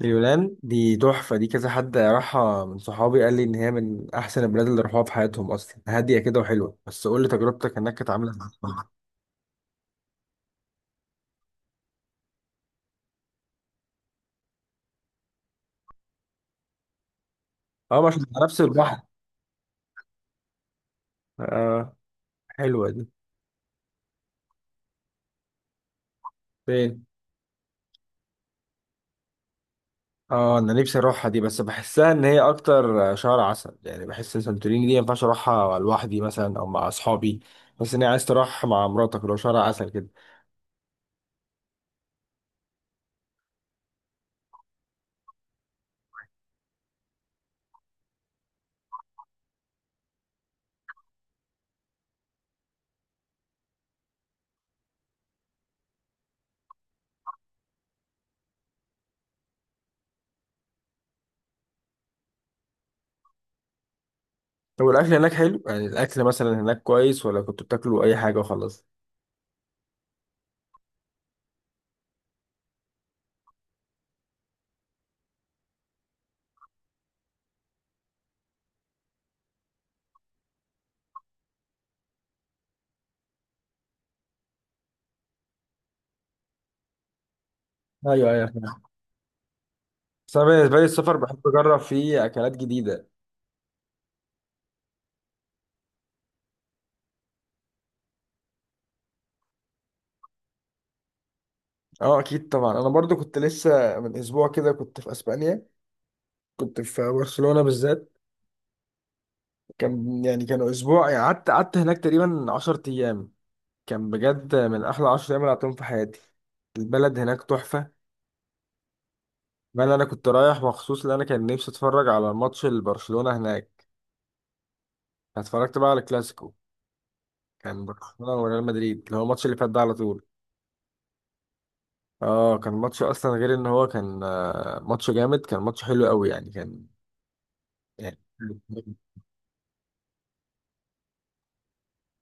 اليونان دي تحفة، دي كذا حد راحها من صحابي قال لي إن هي من أحسن البلاد اللي راحوها في حياتهم، أصلا هادية كده وحلوة. بس قول لي تجربتك هناك كانت عاملة إزاي؟ أه، مش على نفس البحر؟ آه، حلوة دي. فين؟ أه، أنا نفسي أروحها دي، بس بحسها إن هي أكتر شهر عسل، يعني بحس إن سانتوريني دي مينفعش أروحها لوحدي مثلا أو مع أصحابي. بس إن هي عايز تروح مع مراتك لو شهر عسل كده. طب الأكل هناك حلو؟ يعني الأكل مثلا هناك كويس، ولا كنتوا بتاكلوا أي حاجة وخلاص؟ ايوه، ايوه. بس انا بالنسبه لي السفر بحب اجرب فيه اكلات جديده. اه، اكيد طبعا. انا برضو كنت لسه من اسبوع كده كنت في اسبانيا. كنت في برشلونه بالذات. كان يعني كانوا اسبوع، يعني قعدت هناك تقريبا 10 ايام. كان بجد من احلى 10 ايام اللي قعدتهم في حياتي. البلد هناك تحفه. بل انا كنت رايح مخصوص، لان انا كان نفسي اتفرج على ماتش البرشلونه هناك. اتفرجت بقى على الكلاسيكو. كان برشلونه وريال مدريد، اللي هو الماتش اللي فات ده على طول. اه، كان ماتش اصلا غير ان هو كان ماتش جامد، كان ماتش حلو قوي يعني كان. يعني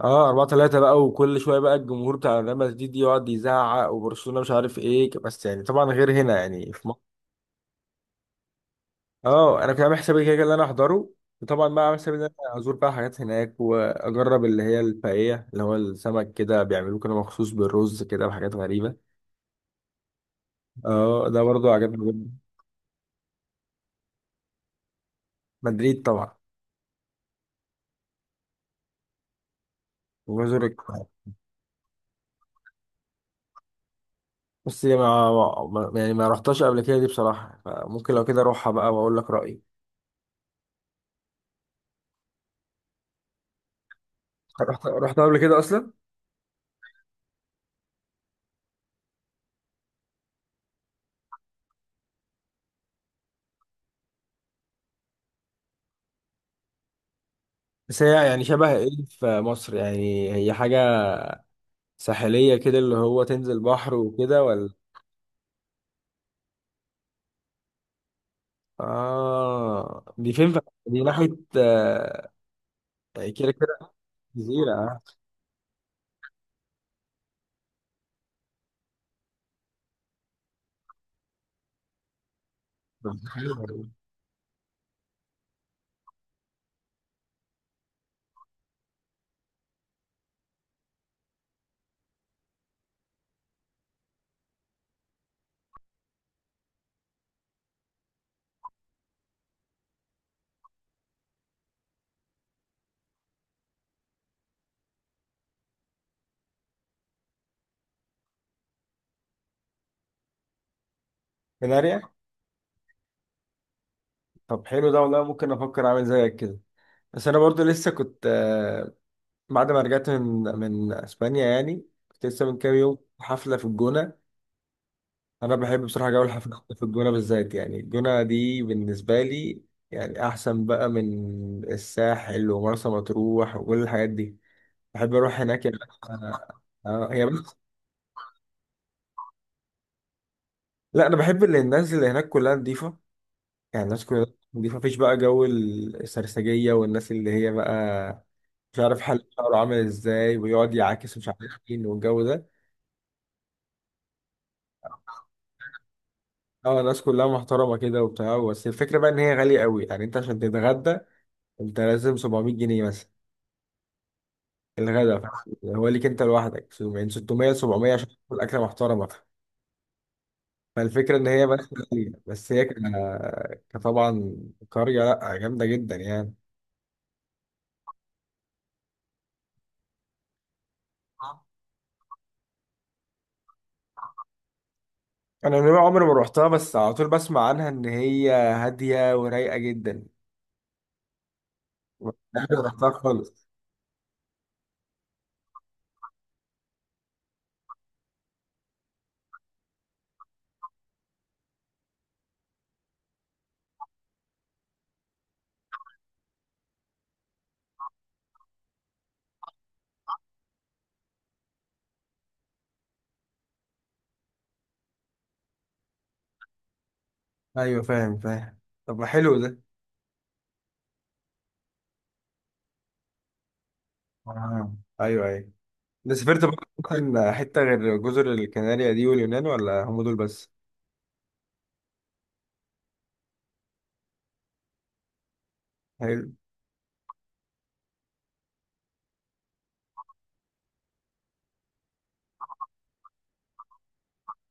اه 4-3 بقى، وكل شويه بقى الجمهور بتاع ريال مدريد يقعد يزعق وبرشلونه مش عارف ايه، بس يعني طبعا غير هنا يعني في مصر. اه، انا كنت عامل حسابي كده كده اللي انا احضره. وطبعا بقى عامل حسابي ان انا ازور بقى حاجات هناك واجرب اللي هي الباقيه، اللي هو السمك كده بيعملوه كده مخصوص بالرز كده وحاجات غريبه. اه، ده برضو عجبني جدا. مدريد طبعا. وبزور القاهرة. بس ما يعني ما رحتهاش قبل كده دي بصراحه، فممكن لو كده اروحها بقى واقول لك رايي. رحتها قبل كده اصلا. بس هي يعني شبه ايه في مصر؟ يعني هي حاجة ساحلية كده، اللي هو تنزل بحر وكده، ولا؟ اه، دي فين؟ دي ناحية كده كده. جزيرة، اه. طب، حلو. كناريا. طب، حلو ده والله، ممكن افكر اعمل زيك كده. بس انا برضو لسه كنت بعد ما رجعت من اسبانيا يعني، كنت لسه من كام يوم في حفلة في الجونة. انا بحب بصراحه جو الحفلات في الجونه بالذات، يعني الجونه دي بالنسبه لي يعني احسن بقى من الساحل ومرسى مطروح وكل الحاجات دي. بحب اروح هناك يعني. آه، هي بس. لا، انا بحب اللي الناس اللي هناك كلها نظيفه. يعني الناس كلها نظيفه، مفيش بقى جو السرسجيه والناس اللي هي بقى مش عارف حل شعره عامل ازاي ويقعد يعاكس مش عارف مين، والجو ده. اه، الناس كلها محترمه كده وبتاع، بس الفكره بقى ان هي غاليه قوي، يعني انت عشان تتغدى انت لازم 700 جنيه مثلا. الغداء، فاهم؟ هو ليك انت لوحدك من 600 ل 700 عشان تاكل اكله محترمه. فالفكره ان هي بس غالية. بس هي كطبعا قريه، لا، جامده جدا يعني. انا نوع عمري ما روحتها، بس على طول بسمع عنها ان هي هاديه ورايقه جدا. عمري ما روحتها خالص. ايوه، فاهم، فاهم. طب، ما حلو ده. آه. ايوه، ايوه. انت سافرت بقى ممكن حته غير جزر الكناريا دي واليونان، ولا هم دول بس؟ حلو.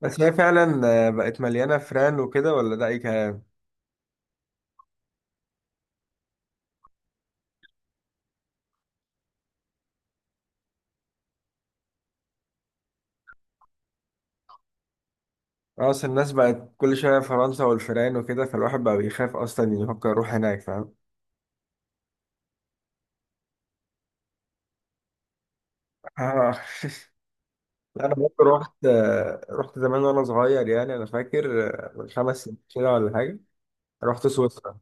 بس هي فعلا بقت مليانه فران وكده، ولا ده اي؟ خلاص، الناس بقت كل شوية فرنسا والفيران وكده، فالواحد بقى بيخاف أصلا يفكر يروح هناك، فاهم؟ آه. لا، أنا برضه رحت زمان وأنا صغير، يعني أنا فاكر من 5 سنين كده ولا حاجة. رحت سويسرا.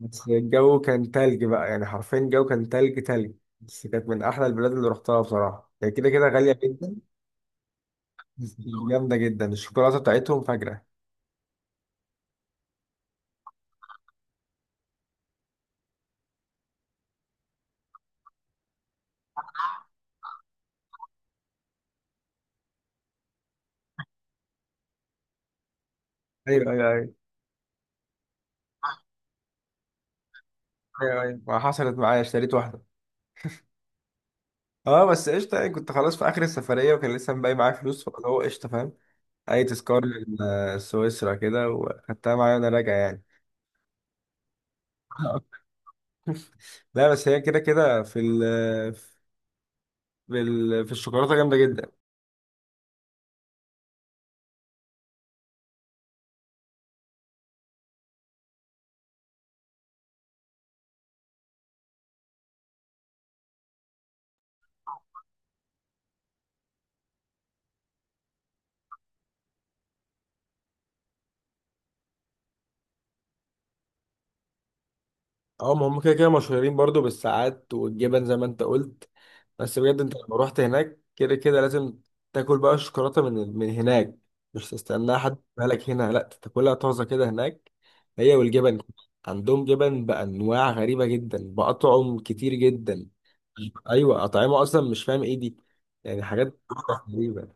بس الجو كان تلج بقى، يعني حرفيا الجو كان تلج تلج. بس كانت من أحلى البلاد اللي رحتها بصراحة، هي كده كده غالية جدا. بس جامدة جدا الشوكولاتة بتاعتهم، فجرة. أيوه، أيوه، أيوه. أيوه، أيوه، ما حصلت معايا اشتريت واحدة. اه، بس قشطه يعني، كنت خلاص في اخر السفريه وكان لسه باقي معايا فلوس، فاللي هو قشطه، فاهم؟ اي تذكار لسويسرا كده، وخدتها معايا وانا راجع يعني. لا، بس هي كده كده في الشوكولاته جامده جدا. اه، ما هم كده كده مشهورين برضو بالساعات والجبن زي ما انت قلت. بس بجد، انت لما رحت هناك كده كده لازم تاكل بقى الشوكولاته من هناك، مش تستناها حد يجيبها لك هنا، لا تاكلها طازه كده هناك. هي والجبن. عندهم جبن بانواع غريبه جدا، باطعم كتير جدا. ايوه، اطعمه اصلا مش فاهم ايه دي. يعني حاجات غريبه.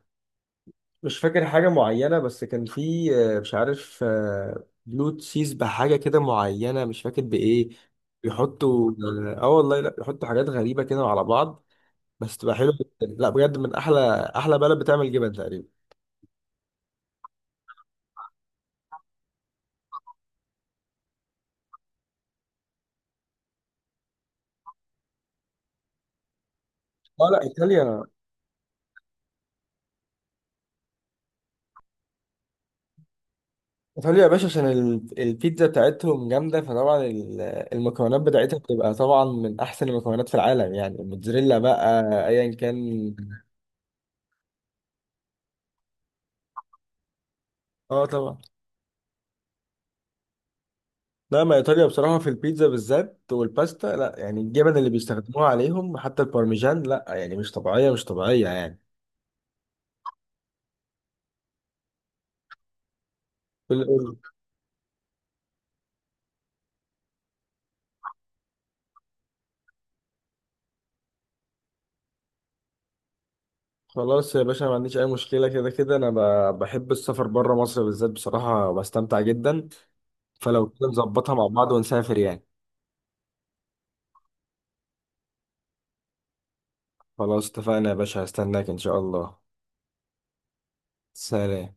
مش فاكر حاجة معينة، بس كان في مش عارف بلو تشيز بحاجة كده معينة مش فاكر بإيه. بيحطوا، اه، والله، لا بيحطوا حاجات غريبة كده على بعض، بس تبقى حلوة جدا. لا بجد من أحلى أحلى بلد بتعمل جبن تقريبا. اه، لا، إيطاليا. إيطاليا يا باشا، عشان البيتزا بتاعتهم جامدة، فطبعا المكونات بتاعتها بتبقى طبعا من أحسن المكونات في العالم، يعني الموتزاريلا بقى أيا كان. اه، طبعا. لا، ما ايطاليا بصراحه في البيتزا بالذات والباستا، لا يعني الجبن اللي بيستخدموها عليهم حتى البارميجان، لا يعني مش طبيعيه، مش طبيعيه يعني. قول. خلاص يا باشا، ما عنديش اي مشكله. كده كده انا بحب السفر بره مصر بالذات، بصراحه بستمتع جدا. فلو كده نظبطها مع بعض ونسافر يعني. خلاص، اتفقنا يا باشا، هستناك ان شاء الله. سلام.